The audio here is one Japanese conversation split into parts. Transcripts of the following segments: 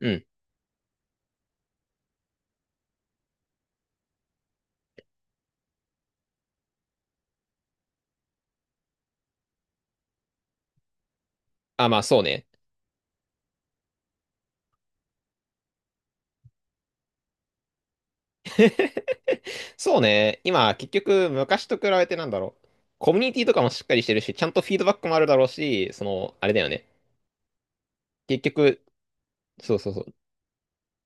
うん。あ、まあそうね。そうね。今、結局、昔と比べてなんだろう。コミュニティとかもしっかりしてるし、ちゃんとフィードバックもあるだろうし、その、あれだよね。結局、そうそうそう。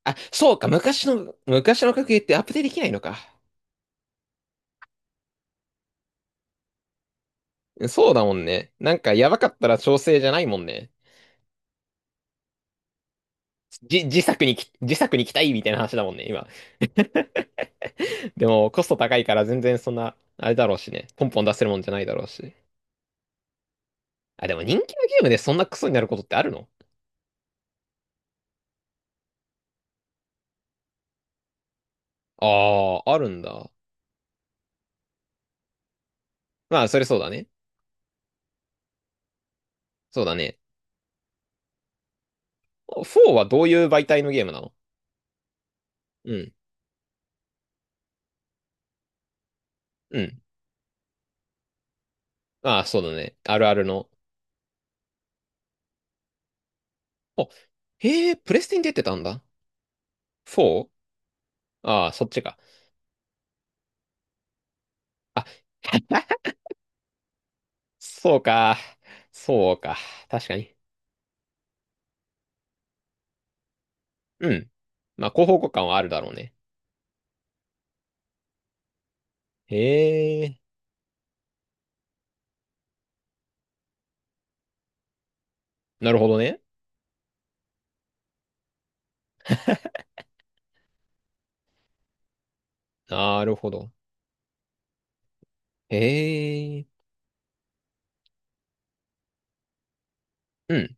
あ、そうか、昔の格ゲーってアップデートできないのか。そうだもんね。なんか、やばかったら調整じゃないもんね。じ、自作にき、自作に期待みたいな話だもんね、今。でも、コスト高いから全然そんな、あれだろうしね。ポンポン出せるもんじゃないだろうし。あ、でも人気のゲームでそんなクソになることってあるの？ああー、あるんだ。まあ、それそうだね。そうだね。4はどういう媒体のゲームなの？うん。うん。ああ、そうだね。あるあるの。お、へえ、プレステに出てたんだ。4？ ああ、そっちか。あ、そうか。そうか。確かに。うん。まあ、広報互換はあるだろうね。へえ。なるほどね。なるほど。へえ。うん。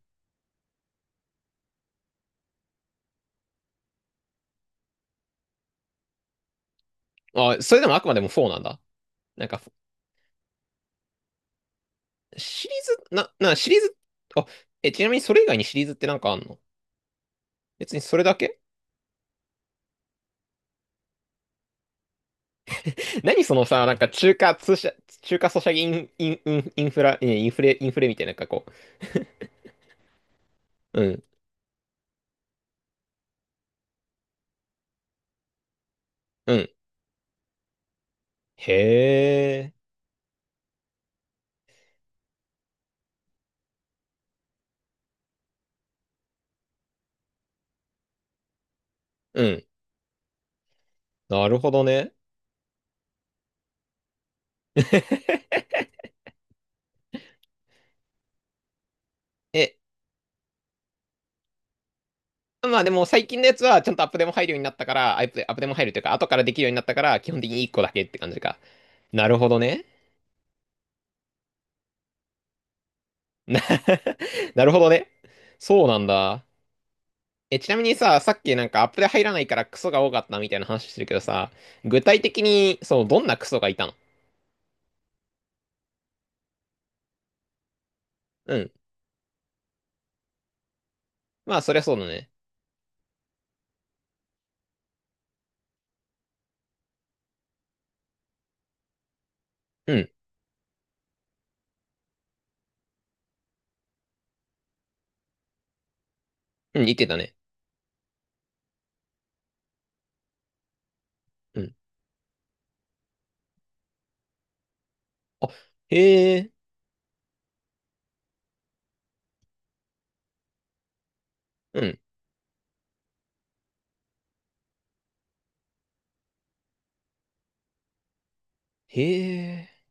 あ、それでもあくまでも4なんだ。なんか、シリーズ、シリーズ、あ、え、ちなみにそれ以外にシリーズってなんかあんの？別にそれだけ？何そのさ、なんか中華通社、中華ソシャゲイン、インインフラ、いやインフレ、みたいな、なんかこう。うん、うん。へえ、うん。なるほどね。え、まあでも最近のやつはちゃんとアップデも入るようになったから、アップデも入るというか、後からできるようになったから、基本的に1個だけって感じか。なるほどね。な なるほどね。そうなんだ。え、ちなみにさ、さっきなんかアップデ入らないからクソが多かったみたいな話してるけどさ、具体的に、そう、どんなクソがいたの？うん。まあ、そりゃそうだね。うんうん、いけたね。うん。あ、へえ、うん。へえ。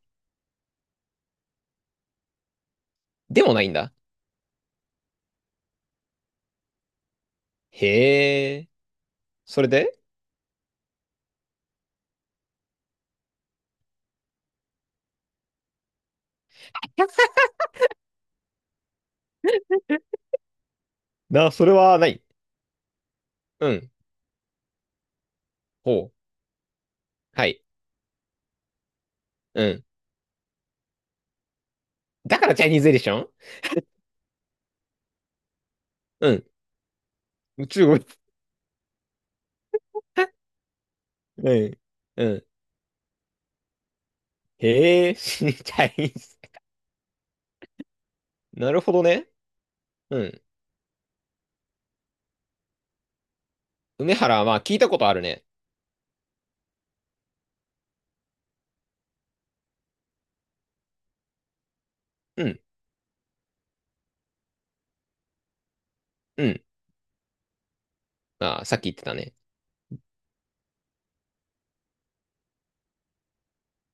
でもないんだ。へえ。それで それはない。うん。ほう。はい。うん。だからチャイニーズエディション。うん。中国。うん。うん。へえ、チャイニーズ なるほどね。うん。梅原はまあ聞いたことあるね。うん。うん。ああ、さっき言ってたね。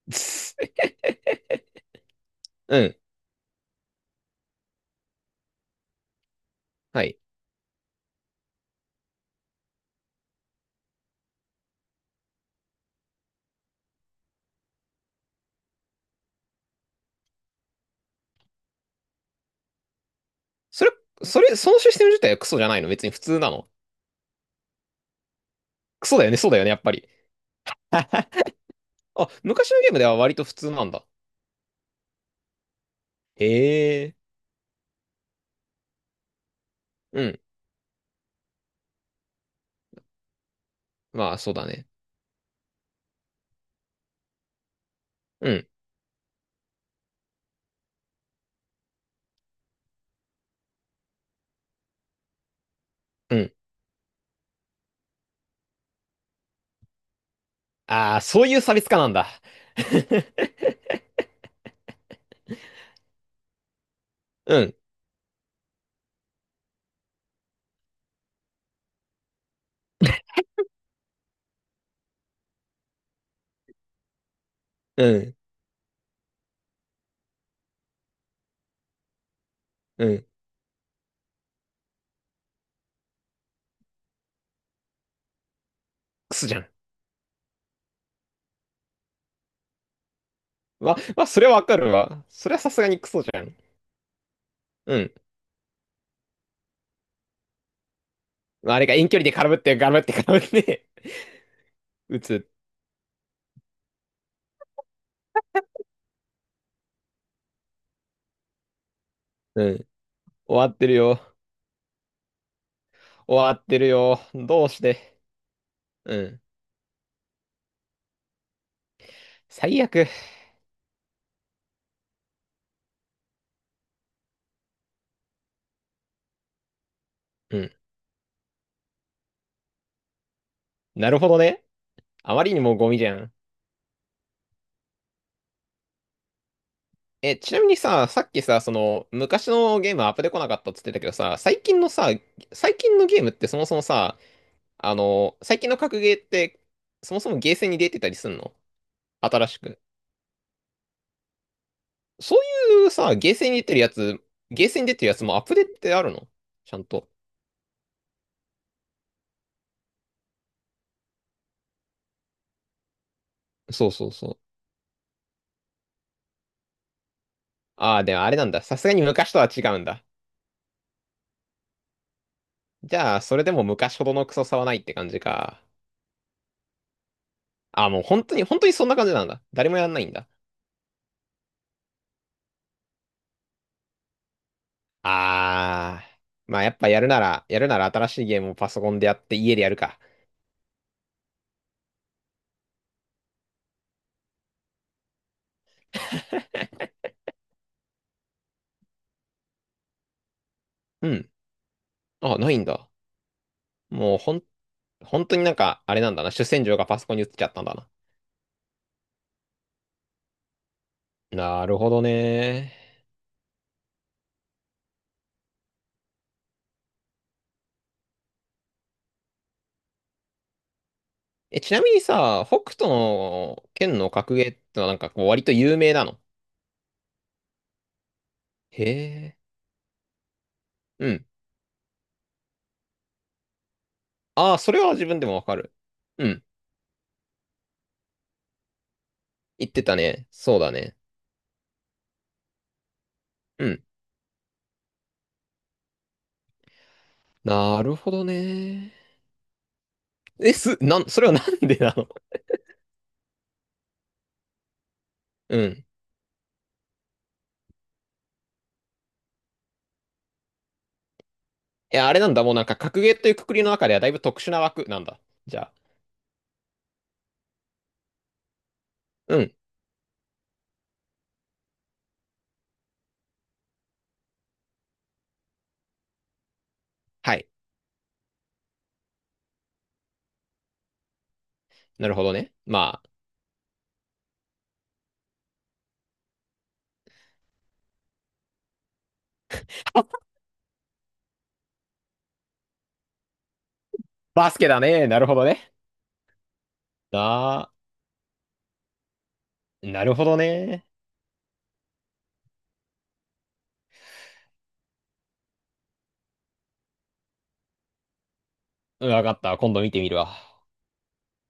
うん。はい。それ、そのシステム自体はクソじゃないの？別に普通なの。クソだよね、そうだよね、やっぱり。あ、昔のゲームでは割と普通なんだ。へえ。うん。まあ、そうだね。うん。うん。ああ、そういう差別化なんだ。うん。うん。うん。クソじゃん。まあ、それはわかるわ。それはさすがにクソじゃん。うん。まあ、あれが遠距離で絡むって、絡むって、絡むって、打つ。うん。終わってるよ。終わってるよ。どうして。うん。最悪。うん。なるほどね。あまりにもゴミじゃん。え、ちなみにさ、さっきさ、その、昔のゲームアップで来なかったっつってたけどさ、最近のさ、最近のゲームってそもそもさ、あの、最近の格ゲーって、そもそもゲーセンに出てたりすんの？新しく。そういうさ、ゲーセンに出てるやつ、ゲーセンに出てるやつもアップデートってあるの？ちゃんと。そうそうそう。ああ、でもあれなんだ。さすがに昔とは違うんだ。じゃあ、それでも昔ほどのクソさはないって感じか。ああ、もう本当に、本当にそんな感じなんだ。誰もやんないんだ。あー。まあやっぱやるなら、やるなら新しいゲームをパソコンでやって家でやるか。うん。あ、ないんだ。もう本当になんか、あれなんだな。主戦場がパソコンに移っちゃったんだな。なるほどね。え、ちなみにさ、北斗の剣の格ゲーってのはなんかこう割と有名なの。へえ。うん。ああ、それは自分でもわかる。うん。言ってたね。そうだね。うん。なるほどね。え、す、なん、それはなんでなの？うん。いや、あれなんだ、もうなんか格ゲーという括りの中ではだいぶ特殊な枠なんだ。じゃあ、うん、はい。なるほどね。まあ、あバスケだね。なるほどね。だ、なるほどね。うん、わかった。今度見てみるわ。